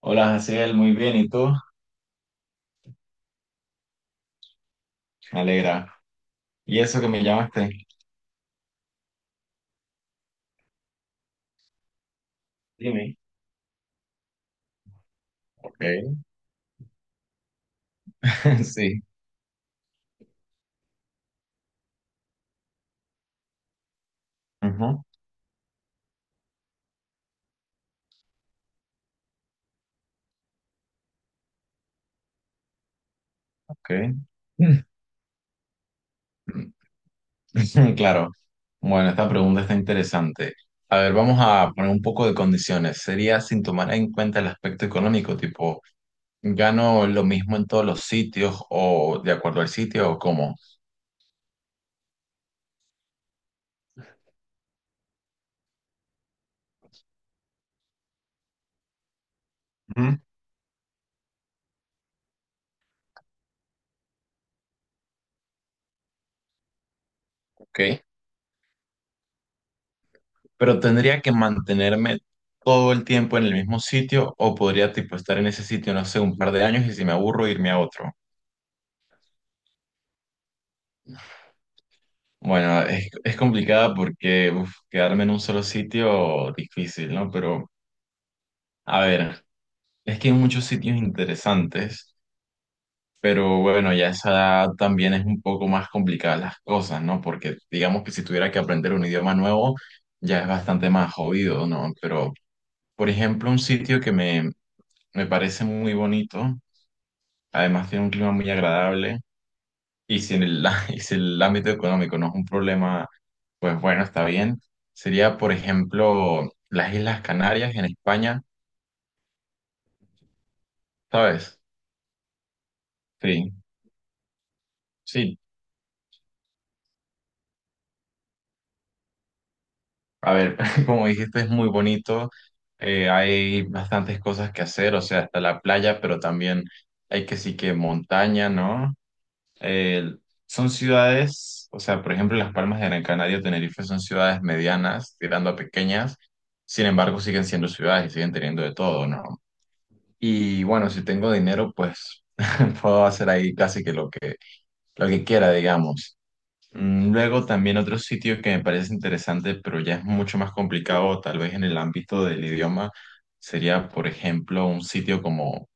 Hola, Jaciel, muy bien, ¿y tú? Me alegra. ¿Y eso que me llamaste? Dime. Ok. Sí. Ujú. Ok. Claro. Bueno, esta pregunta está interesante. A ver, vamos a poner un poco de condiciones. Sería sin tomar en cuenta el aspecto económico, tipo, ¿gano lo mismo en todos los sitios o de acuerdo al sitio o cómo? Ujú. Ok. Pero tendría que mantenerme todo el tiempo en el mismo sitio o podría, tipo, estar en ese sitio, no sé, un par de años y si me aburro, irme a otro. Bueno, es complicada porque uf, quedarme en un solo sitio difícil, ¿no? Pero, a ver, es que hay muchos sitios interesantes, pero bueno, ya a esa edad también es un poco más complicadas las cosas, ¿no? Porque digamos que si tuviera que aprender un idioma nuevo, ya es bastante más jodido, ¿no? Pero, por ejemplo, un sitio que me parece muy bonito, además tiene un clima muy agradable. Y si en el, Y si el ámbito económico no es un problema, pues bueno, está bien. Sería, por ejemplo, las Islas Canarias en España, ¿sabes? Sí, sí. A ver, como dijiste, es muy bonito. Hay bastantes cosas que hacer, o sea, hasta la playa, pero también hay que sí que montaña, ¿no? Eh, Son ciudades, o sea, por ejemplo, Las Palmas de Gran Canaria o Tenerife son ciudades medianas, tirando a pequeñas. Sin embargo, siguen siendo ciudades y siguen teniendo de todo, ¿no? Y bueno, si tengo dinero, pues puedo hacer ahí casi que, lo que quiera, digamos. Luego también otro sitio que me parece interesante, pero ya es mucho más complicado, tal vez en el ámbito del idioma, sería, por ejemplo, un sitio como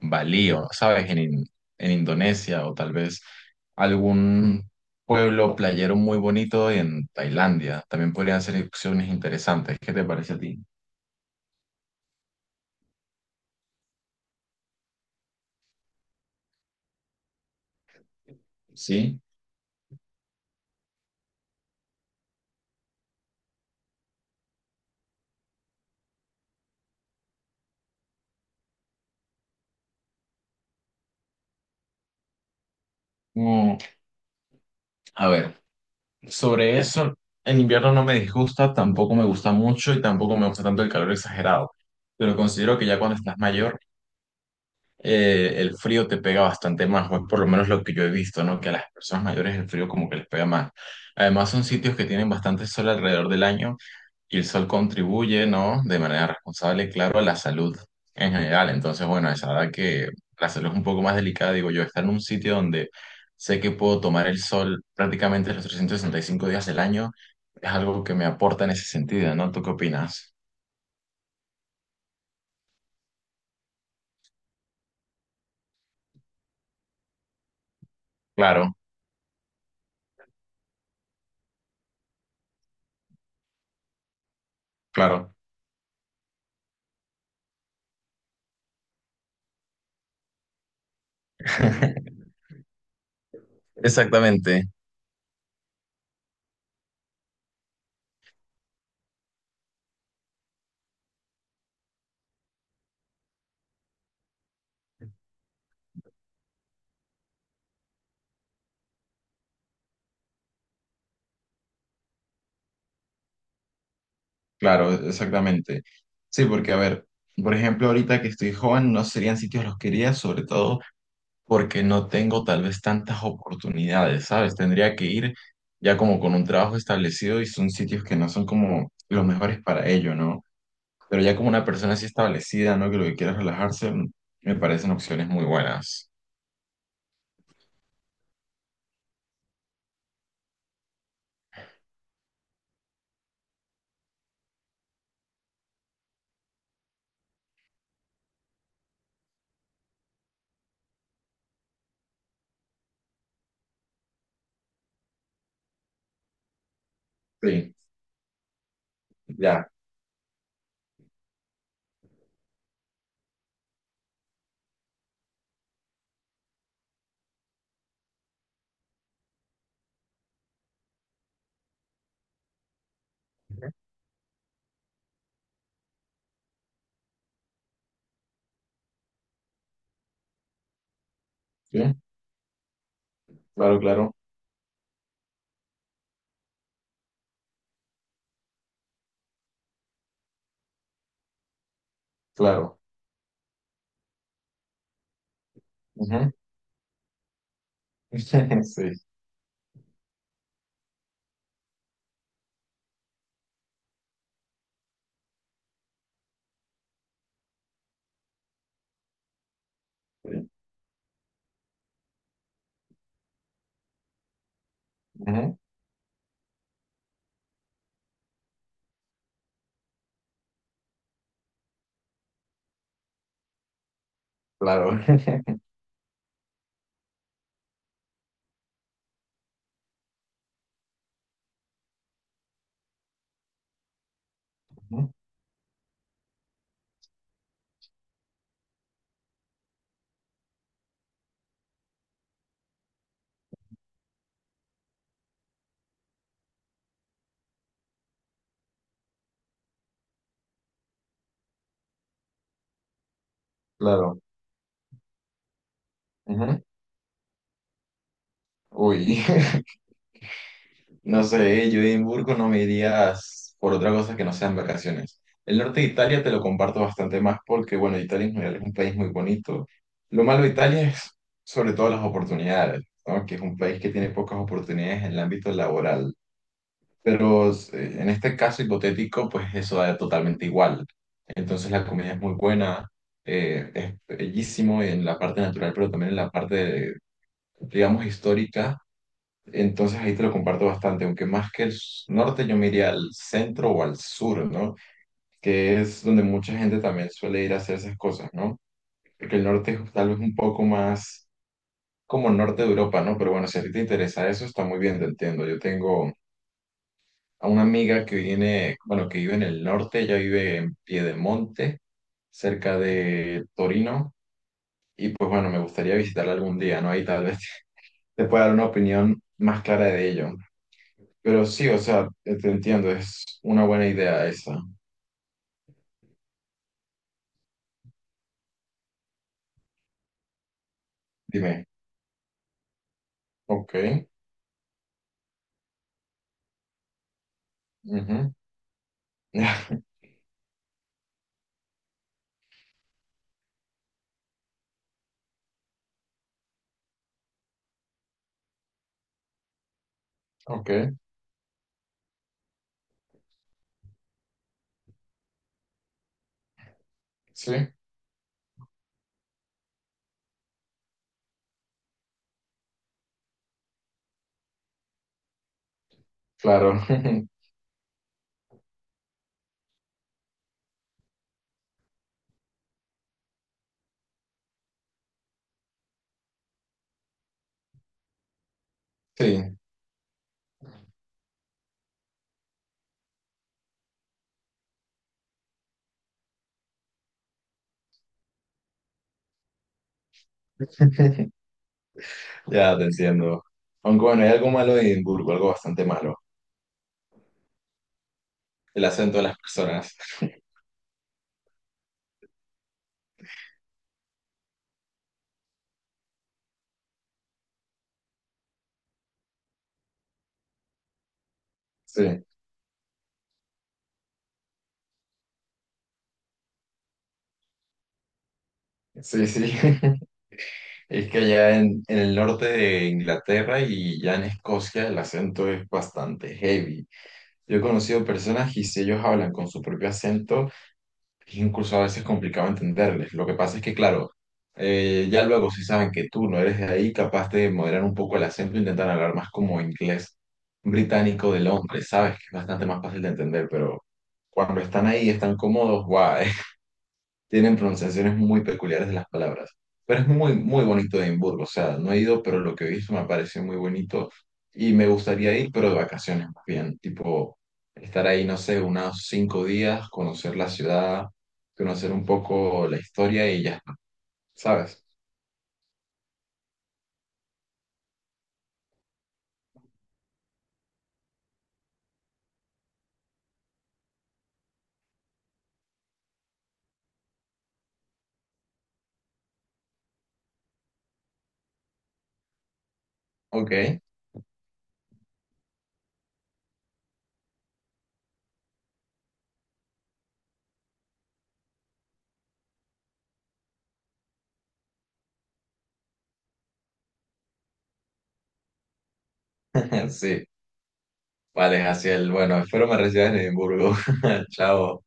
Bali, o, ¿sabes? En Indonesia, o tal vez algún pueblo playero muy bonito en Tailandia. También podrían ser opciones interesantes. ¿Qué te parece a ti? Sí. Mm, a ver. Sobre eso, en invierno no me disgusta, tampoco me gusta mucho y tampoco me gusta tanto el calor exagerado. Pero considero que ya cuando estás mayor, el frío te pega bastante más, o es por lo menos lo que yo he visto, ¿no? Que a las personas mayores el frío como que les pega más. Además, son sitios que tienen bastante sol alrededor del año, y el sol contribuye, ¿no? De manera responsable, claro, a la salud en general. Entonces, bueno, es verdad que la salud es un poco más delicada, digo yo, estar en un sitio donde sé que puedo tomar el sol prácticamente los 365 días del año es algo que me aporta en ese sentido, ¿no? ¿Tú qué opinas? Claro, claro. Exactamente, claro, exactamente. Sí, porque a ver, por ejemplo, ahorita que estoy joven, no serían sitios los que iría, sobre todo porque no tengo tal vez tantas oportunidades, ¿sabes? Tendría que ir ya como con un trabajo establecido y son sitios que no son como los mejores para ello, ¿no? Pero ya como una persona así establecida, ¿no? Que lo que quiera es relajarse, me parecen opciones muy buenas. Sí, ya. Sí, claro, claro, claro. Ujú. Sí, sí. Ujú. Claro. Ujú. Claro. Ujú. Uy. No sé, yo a Edimburgo no me irías por otra cosa que no sean vacaciones. El norte de Italia te lo comparto bastante más porque, bueno, Italia en general es un país muy bonito. Lo malo de Italia es sobre todo las oportunidades, ¿no? Que es un país que tiene pocas oportunidades en el ámbito laboral. Pero en este caso hipotético, pues eso da totalmente igual. Entonces la comida es muy buena, es bellísimo en la parte natural, pero también en la parte, digamos, histórica. Entonces ahí te lo comparto bastante, aunque más que el norte yo me iría al centro o al sur, ¿no? Que es donde mucha gente también suele ir a hacer esas cosas, ¿no? Porque el norte es tal vez un poco más como el norte de Europa, ¿no? Pero bueno, si a ti te interesa eso, está muy bien, te entiendo. Yo tengo a una amiga que viene, bueno, que vive en el norte, ella vive en Piedemonte, cerca de Torino, y pues bueno, me gustaría visitarla algún día, ¿no? Ahí tal vez te pueda dar una opinión más clara de ello. Pero sí, o sea, te entiendo, es una buena idea esa. Dime. Ok. Ujú. Ok. Sí, claro. Sí, ya te entiendo. Aunque bueno, hay algo malo en Edimburgo, algo bastante malo. El acento de las personas. Sí, sí, sí. Es que allá en el norte de Inglaterra y ya en Escocia el acento es bastante heavy. Yo he conocido personas y si ellos hablan con su propio acento, es incluso a veces complicado entenderles. Lo que pasa es que, claro, ya luego si saben que tú no eres de ahí, capaz de moderar un poco el acento, intentan hablar más como inglés británico de Londres, ¿sabes? Que es bastante más fácil de entender, pero cuando están ahí, están cómodos, guau, tienen pronunciaciones muy peculiares de las palabras. Pero es muy, muy bonito Edimburgo, o sea, no he ido, pero lo que he visto me parece muy bonito y me gustaría ir, pero de vacaciones más bien, tipo estar ahí, no sé, unos 5 días, conocer la ciudad, conocer un poco la historia y ya está, ¿sabes? Ok, sí. Vale, Jaciel, bueno, espero me recibas en Edimburgo. Chao.